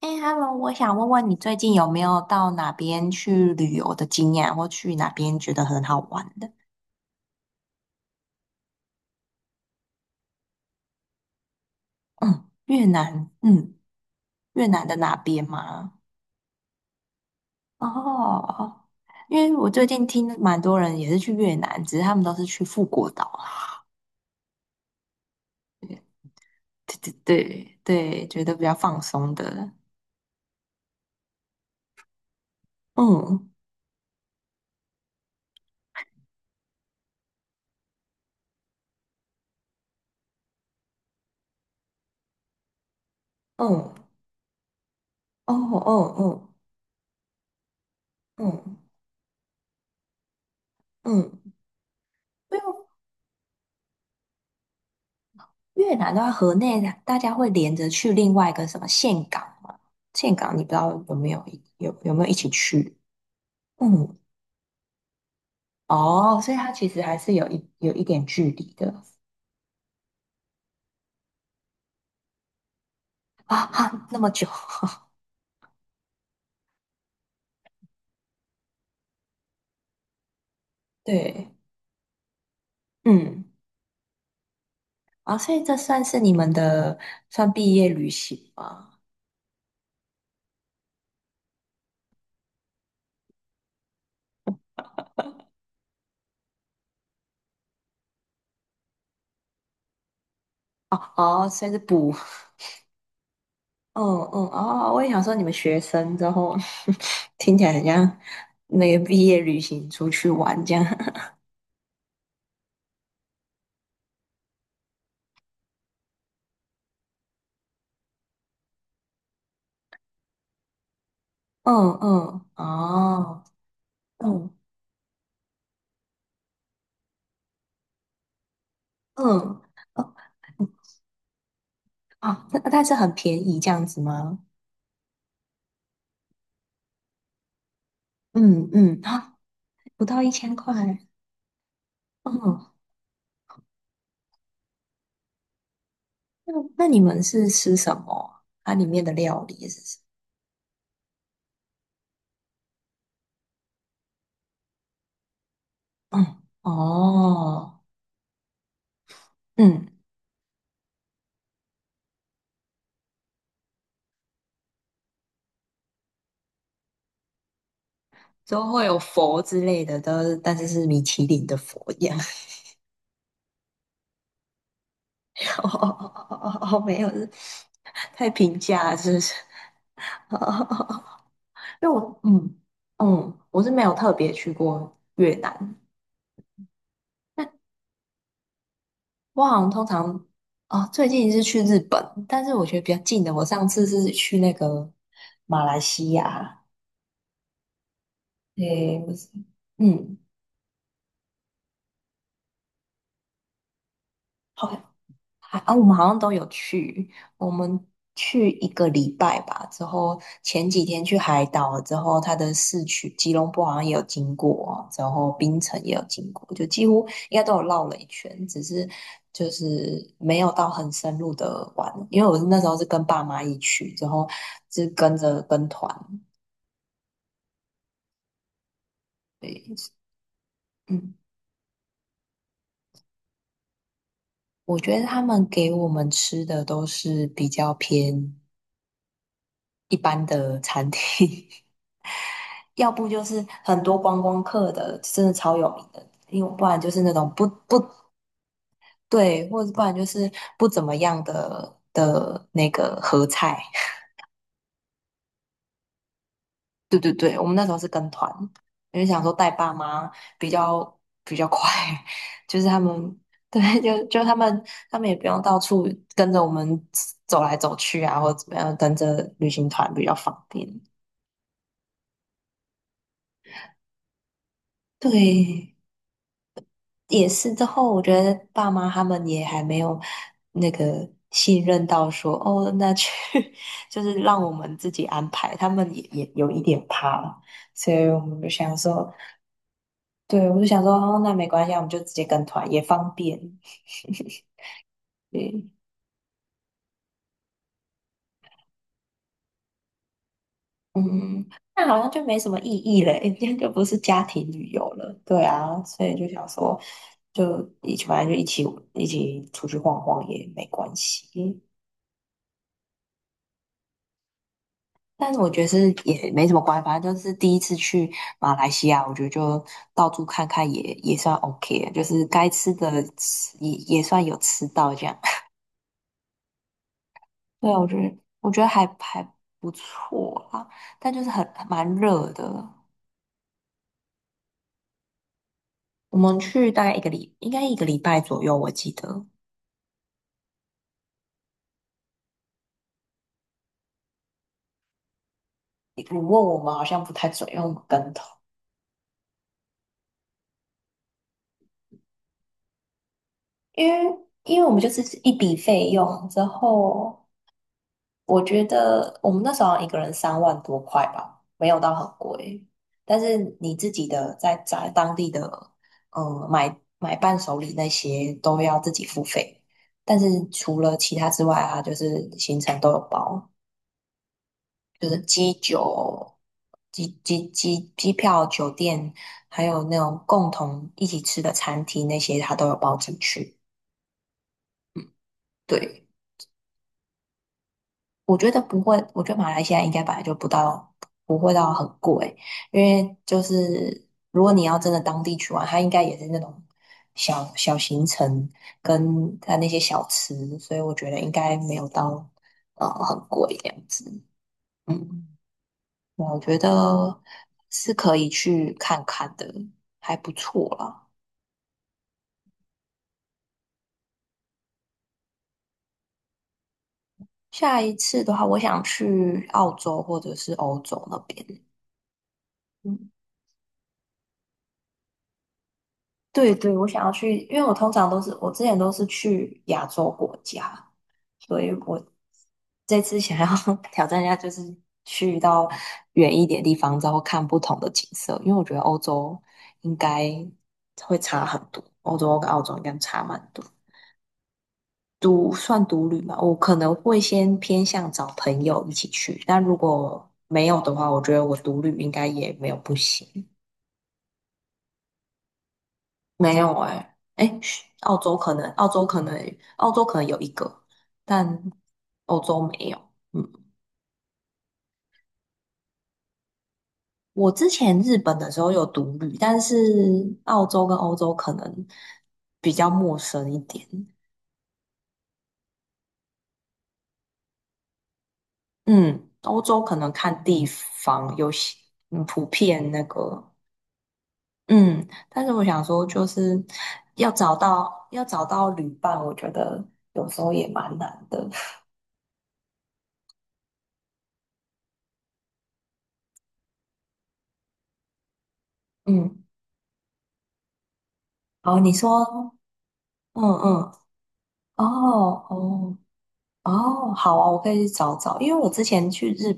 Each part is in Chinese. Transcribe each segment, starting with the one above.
哎，Hello，我想问问你最近有没有到哪边去旅游的经验，或去哪边觉得很好玩的？嗯，越南，嗯，越南的哪边吗？哦，因为我最近听蛮多人也是去越南，只是他们都是去富国岛啊。对对对对，觉得比较放松的。嗯嗯，哦哦哦，嗯嗯，越南的话，河内大家会连着去另外一个什么岘港嘛？岘港你不知道有没有一起去？嗯，哦，所以它其实还是有一有一点距离的。啊哈，那么久。对。嗯，啊，所以这算是你们的算毕业旅行吗？哦哦，所以是补。嗯嗯哦，我也想说你们学生之后。 听起来很像那个毕业旅行出去玩这样。嗯嗯哦。嗯嗯，哦，啊，那但是很便宜这样子吗？嗯嗯，啊，不到一千块。嗯，那你们是吃什么？它里面的料理是什么？嗯，哦，嗯，都会有佛之类的，但是米其林的佛一样。哦哦哦哦哦，哦没有，是太平价了，是不是？哦哦哦哦。因为我我是没有特别去过越南。我好像通常哦，最近是去日本，但是我觉得比较近的，我上次是去那个马来西亚，诶，不是，嗯，好，还啊，我们好像都有去，我们去一个礼拜吧，之后前几天去海岛了之后，它的市区吉隆坡好像也有经过，然后槟城也有经过，就几乎应该都有绕了一圈，只是就是没有到很深入的玩，因为我是那时候是跟爸妈一起去，之后是跟着跟团。对，嗯，我觉得他们给我们吃的都是比较偏一般的餐厅。要不就是很多观光客的，真的超有名的，因为不然就是那种不不对，或者不然就是不怎么样的那个合菜。对对对，我们那时候是跟团，因为想说带爸妈比较比较快。就是他们。对，就他们也不用到处跟着我们走来走去啊，或者怎么样，跟着旅行团比较方便。对，也是之后，我觉得爸妈他们也还没有那个信任到说，哦，那去。 就是让我们自己安排，他们也有一点怕了，所以我们就想说。对，我就想说，哦，那没关系，我们就直接跟团也方便。对，嗯，那好像就没什么意义了，今天就不是家庭旅游了，对啊，所以就想说，就一起，反正就一起出去晃晃也没关系。但是我觉得是也没什么关系，反正就是第一次去马来西亚，我觉得就到处看看也算 OK 的，就是该吃的吃也算有吃到这样。对啊，我觉得还不错啦，但就是很蛮热的。我们去大概一个礼，应该一个礼拜左右，我记得。你问我们好像不太准，用跟头，因为因为我们就是一笔费用之后。我觉得我们那时候好像一个人三万多块吧，没有到很贵。但是你自己的在当地的，买伴手礼那些都要自己付费。但是除了其他之外啊，就是行程都有包，就是机酒、机票、酒店，还有那种共同一起吃的餐厅那些，它都有包进去。对，我觉得不会，我觉得马来西亚应该本来就不到，不会到很贵，因为就是如果你要真的当地去玩，它应该也是那种小小行程跟它那些小吃，所以我觉得应该没有到很贵这样子。嗯，我觉得是可以去看看的，还不错啦。下一次的话，我想去澳洲或者是欧洲那边。嗯，对对，我想要去，因为我之前都是去亚洲国家，所以我这次想要。 挑战一下，就是去到远一点地方，然后看不同的景色，因为我觉得欧洲应该会差很多，欧洲跟澳洲应该差蛮多。算独旅嘛，我可能会先偏向找朋友一起去，但如果没有的话，我觉得我独旅应该也没有不行。没有哎、哎，嘘澳洲可能有一个，但欧洲没有。嗯，我之前日本的时候有独旅，但是澳洲跟欧洲可能比较陌生一点。嗯，欧洲可能看地方有些，嗯，普遍那个，嗯，但是我想说，就是要找到旅伴，我觉得有时候也蛮难的。嗯，好，你说，嗯嗯。哦哦哦，好啊，我可以去找找，因为我之前去日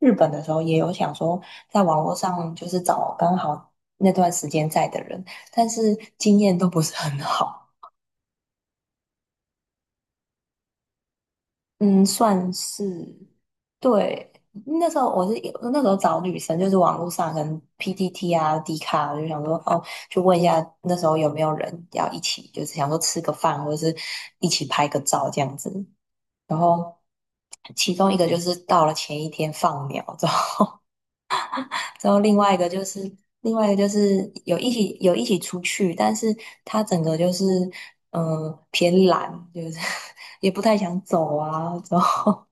日本的时候也有想说，在网络上就是找刚好那段时间在的人，但是经验都不是很好。嗯，算是对。那时候我是那时候找女生，就是网络上可能 PTT 啊、d 卡，就想说哦，就问一下那时候有没有人要一起，就是想说吃个饭或者是一起拍个照这样子。然后其中一个就是到了前一天放苗，之后。之后另外一个就是有一起出去，但是他整个就是偏懒，就是。 也不太想走啊，之后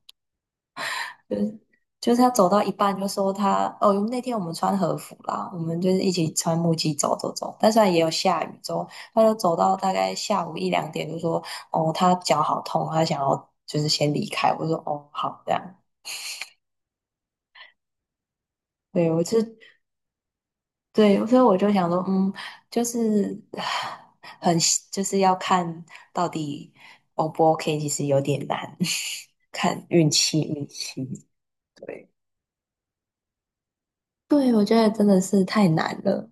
就是就是他走到一半就说他哦，那天我们穿和服啦，我们就是一起穿木屐走走走，但虽然也有下雨，之后他就走到大概下午一两点就说哦，他脚好痛，他想要就是先离开，我就说哦好这样。对，我是对，所以我就想说，嗯，就是唉很就是要看到底 O 不 OK,其实有点难。看运气。对，对，我觉得真的是太难了，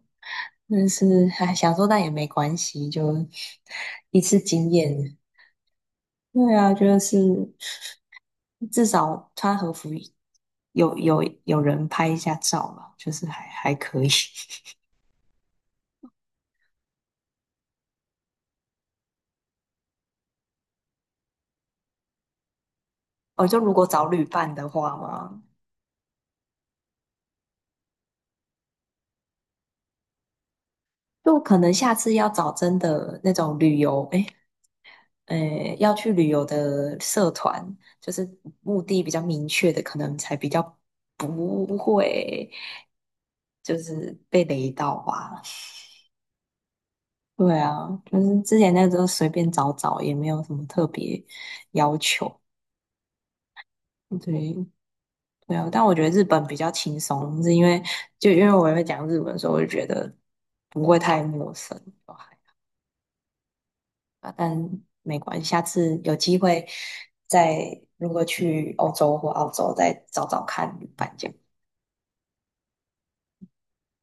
但是哎，想说但也没关系，就一次经验。对啊，就是至少穿和服有人拍一下照嘛，就是还可以。哦，就如果找旅伴的话嘛。就可能下次要找真的那种旅游，诶,要去旅游的社团，就是目的比较明确的，可能才比较不会就是被雷到吧。对啊，就是之前那个时候随便找找，也没有什么特别要求。对对啊，但我觉得日本比较轻松，是因为因为我也会讲日文，所以我就觉得不会太陌生。啊，但没关系，下次有机会再如果去欧洲或澳洲再找找看旅伴这样。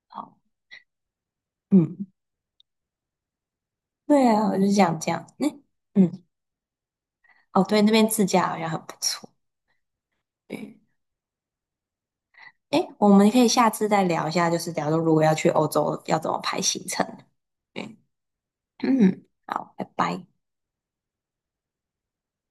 好，嗯，对啊，我就想这样。嗯嗯，哦，对，那边自驾好像很不错。对，诶，我们可以下次再聊一下，就是假如要去欧洲要怎么排行程。对，嗯，好，拜拜。